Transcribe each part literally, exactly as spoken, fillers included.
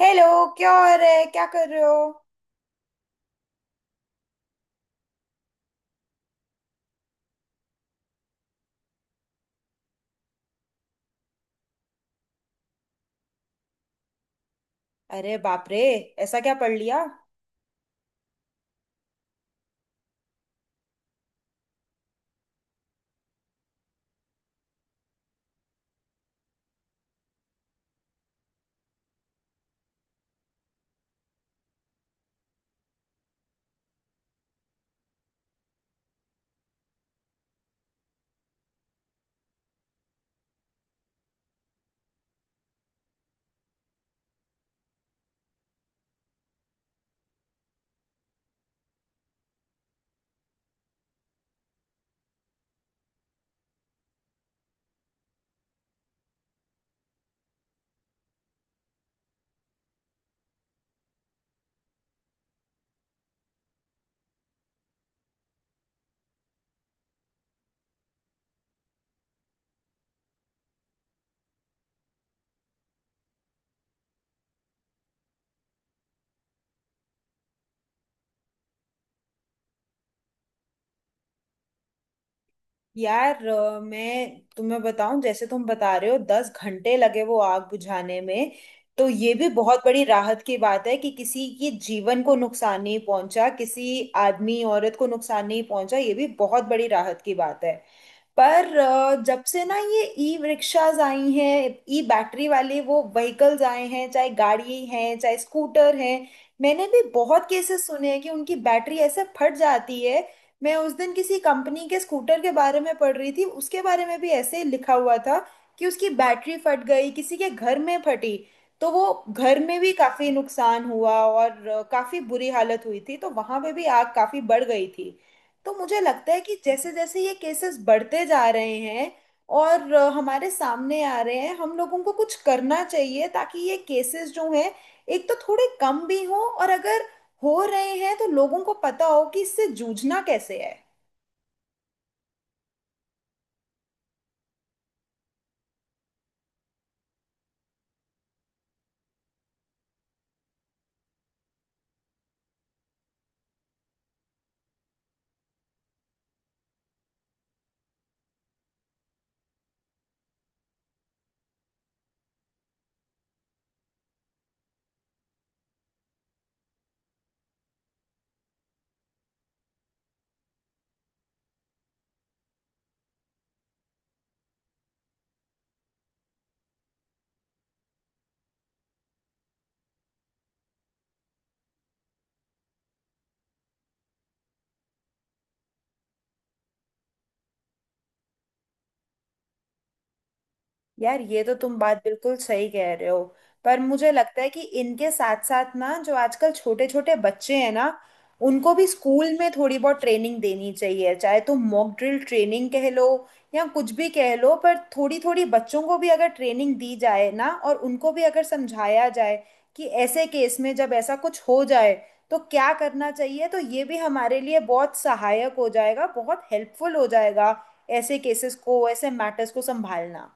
Hello. क्या हो रहा है, क्या कर रहे हो? अरे बाप रे, ऐसा क्या पढ़ लिया? यार, अ, मैं तुम्हें बताऊं, जैसे तुम बता रहे हो दस घंटे लगे वो आग बुझाने में, तो ये भी बहुत बड़ी राहत की बात है कि किसी के जीवन को नुकसान नहीं पहुंचा, किसी आदमी औरत को नुकसान नहीं पहुंचा, ये भी बहुत बड़ी राहत की बात है। पर अ, जब से ना ये ई रिक्शाज आई हैं, ई बैटरी वाले वो व्हीकल्स आए हैं, चाहे गाड़ी हैं चाहे स्कूटर हैं, मैंने भी बहुत केसेस सुने हैं कि उनकी बैटरी ऐसे फट जाती है। मैं उस दिन किसी कंपनी के स्कूटर के बारे में पढ़ रही थी, उसके बारे में भी ऐसे ही लिखा हुआ था कि उसकी बैटरी फट गई, किसी के घर में फटी, तो वो घर में भी काफी नुकसान हुआ और अ, काफी बुरी हालत हुई थी, तो वहां पे भी आग काफी बढ़ गई थी। तो मुझे लगता है कि जैसे जैसे ये केसेस बढ़ते जा रहे हैं और अ, हमारे सामने आ रहे हैं, हम लोगों को कुछ करना चाहिए ताकि ये केसेस जो हैं, एक तो थोड़े कम भी हों, और अगर हो रहे हैं तो लोगों को पता हो कि इससे जूझना कैसे है। यार, ये तो तुम बात बिल्कुल सही कह रहे हो। पर मुझे लगता है कि इनके साथ साथ ना जो आजकल छोटे छोटे बच्चे हैं ना, उनको भी स्कूल में थोड़ी बहुत ट्रेनिंग देनी चाहिए, चाहे तो मॉक ड्रिल ट्रेनिंग कह लो या कुछ भी कह लो, पर थोड़ी थोड़ी बच्चों को भी अगर ट्रेनिंग दी जाए ना, और उनको भी अगर समझाया जाए कि ऐसे केस में जब ऐसा कुछ हो जाए तो क्या करना चाहिए, तो ये भी हमारे लिए बहुत सहायक हो जाएगा, बहुत हेल्पफुल हो जाएगा ऐसे केसेस को ऐसे मैटर्स को संभालना।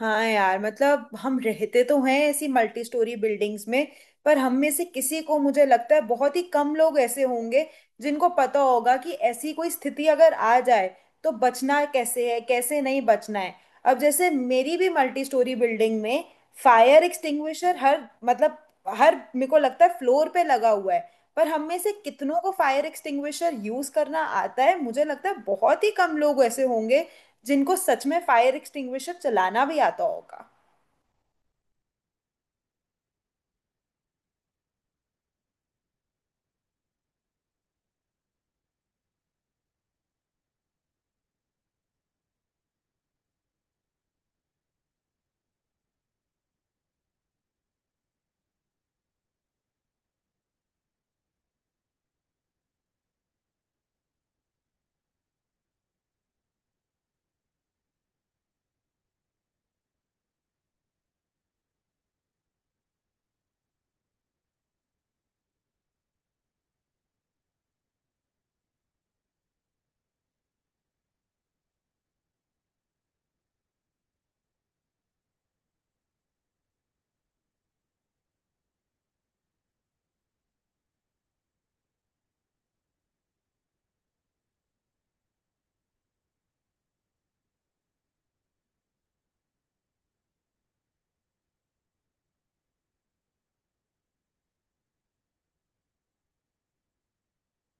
हाँ यार, मतलब हम रहते तो हैं ऐसी मल्टी स्टोरी बिल्डिंग्स में, पर हम में से किसी को, मुझे लगता है बहुत ही कम लोग ऐसे होंगे जिनको पता होगा कि ऐसी कोई स्थिति अगर आ जाए तो बचना कैसे है, कैसे नहीं बचना है। अब जैसे मेरी भी मल्टी स्टोरी बिल्डिंग में फायर एक्सटिंग्विशर हर मतलब हर, मेरे को लगता है, फ्लोर पे लगा हुआ है। पर हम में से कितनों को फायर एक्सटिंग्विशर यूज करना आता है? मुझे लगता है बहुत ही कम लोग ऐसे होंगे जिनको सच में फायर एक्सटिंग्विशर चलाना भी आता होगा।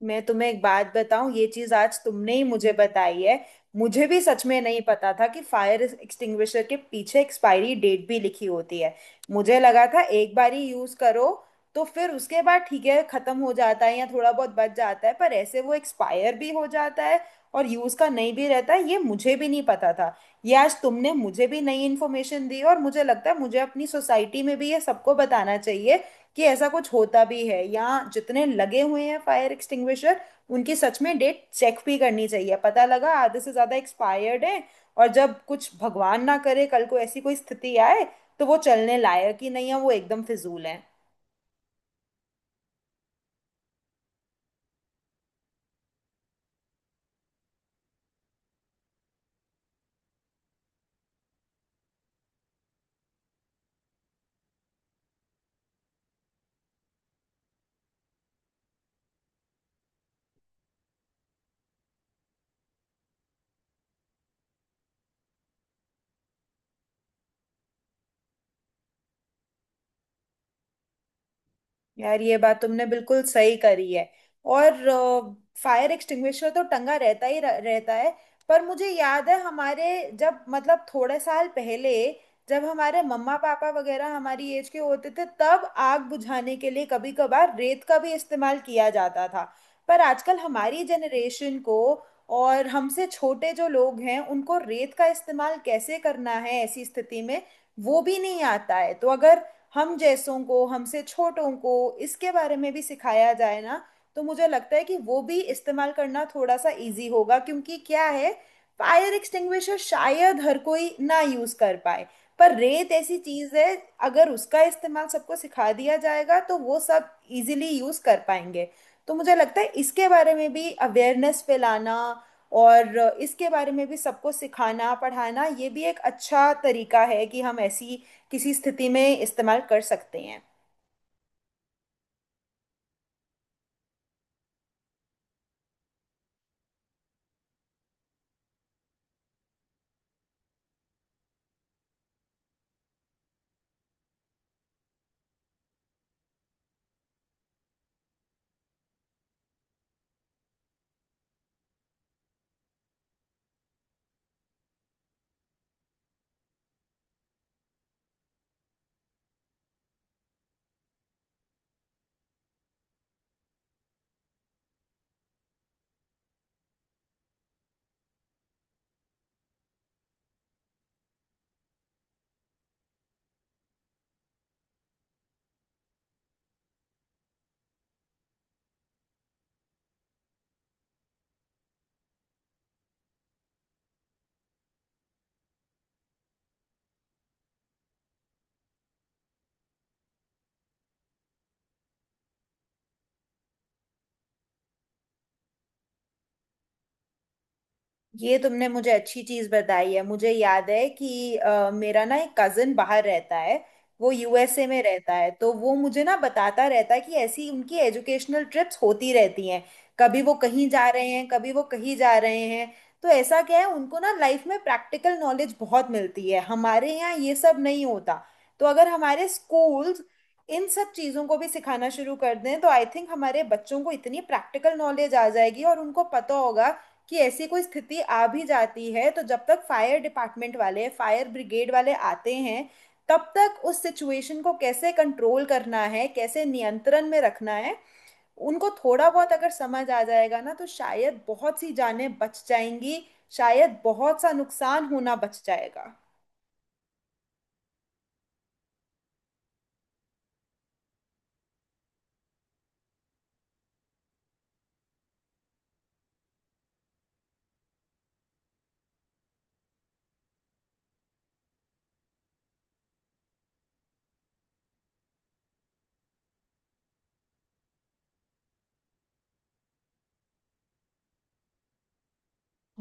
मैं तुम्हें एक बात बताऊं, ये चीज आज तुमने ही मुझे बताई है। मुझे भी सच में नहीं पता था कि फायर एक्सटिंग्विशर के पीछे एक्सपायरी डेट भी लिखी होती है। मुझे लगा था एक बार ही यूज करो तो फिर उसके बाद ठीक है, खत्म हो जाता है या थोड़ा बहुत बच जाता है, पर ऐसे वो एक्सपायर भी हो जाता है और यूज का नहीं भी रहता है, ये मुझे भी नहीं पता था। ये आज तुमने मुझे भी नई इन्फॉर्मेशन दी, और मुझे लगता है मुझे अपनी सोसाइटी में भी ये सबको बताना चाहिए कि ऐसा कुछ होता भी है, या जितने लगे हुए हैं फायर एक्सटिंग्विशर, उनकी सच में डेट चेक भी करनी चाहिए। पता लगा आधे से ज़्यादा एक्सपायर्ड है, और जब कुछ भगवान ना करे कल को ऐसी कोई स्थिति आए, तो वो चलने लायक ही नहीं है, वो एकदम फिजूल है। यार, ये बात तुमने बिल्कुल सही करी है। और फायर एक्सटिंग्विशर तो टंगा रहता ही रह, रहता है, पर मुझे याद है हमारे जब मतलब थोड़े साल पहले, जब हमारे मम्मा पापा वगैरह हमारी एज के होते थे, तब आग बुझाने के लिए कभी कभार रेत का भी इस्तेमाल किया जाता था। पर आजकल हमारी जनरेशन को और हमसे छोटे जो लोग हैं, उनको रेत का इस्तेमाल कैसे करना है ऐसी स्थिति में, वो भी नहीं आता है। तो अगर हम जैसों को, हमसे छोटों को, इसके बारे में भी सिखाया जाए ना, तो मुझे लगता है कि वो भी इस्तेमाल करना थोड़ा सा इजी होगा। क्योंकि क्या है, फायर एक्सटिंग्विशर शायद हर कोई ना यूज कर पाए, पर रेत ऐसी चीज है, अगर उसका इस्तेमाल सबको सिखा दिया जाएगा तो वो सब इजीली यूज कर पाएंगे। तो मुझे लगता है इसके बारे में भी अवेयरनेस फैलाना, और इसके बारे में भी सबको सिखाना पढ़ाना, ये भी एक अच्छा तरीका है कि हम ऐसी किसी स्थिति में इस्तेमाल कर सकते हैं। ये तुमने मुझे अच्छी चीज बताई है। मुझे याद है कि अ, मेरा ना एक कजिन बाहर रहता है, वो यू एस ए में रहता है, तो वो मुझे ना बताता रहता है कि ऐसी उनकी एजुकेशनल ट्रिप्स होती रहती हैं। कभी वो कहीं जा रहे हैं, कभी वो कहीं जा रहे हैं। तो ऐसा क्या है, उनको ना लाइफ में प्रैक्टिकल नॉलेज बहुत मिलती है, हमारे यहाँ ये सब नहीं होता। तो अगर हमारे स्कूल्स इन सब चीज़ों को भी सिखाना शुरू कर दें, तो आई थिंक हमारे बच्चों को इतनी प्रैक्टिकल नॉलेज आ जाएगी, और उनको पता होगा कि ऐसी कोई स्थिति आ भी जाती है, तो जब तक फायर डिपार्टमेंट वाले फायर ब्रिगेड वाले आते हैं, तब तक उस सिचुएशन को कैसे कंट्रोल करना है, कैसे नियंत्रण में रखना है, उनको थोड़ा बहुत अगर समझ आ जाएगा ना, तो शायद बहुत सी जानें बच जाएंगी, शायद बहुत सा नुकसान होना बच जाएगा।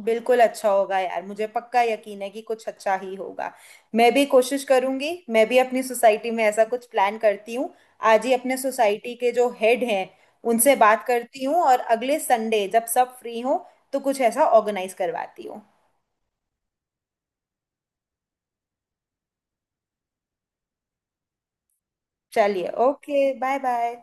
बिल्कुल अच्छा होगा यार, मुझे पक्का यकीन है कि कुछ अच्छा ही होगा। मैं भी कोशिश करूंगी, मैं भी अपनी सोसाइटी में ऐसा कुछ प्लान करती हूँ। आज ही अपने सोसाइटी के जो हेड हैं, उनसे बात करती हूँ, और अगले संडे जब सब फ्री हो, तो कुछ ऐसा ऑर्गेनाइज करवाती हूँ। चलिए, ओके, बाय बाय।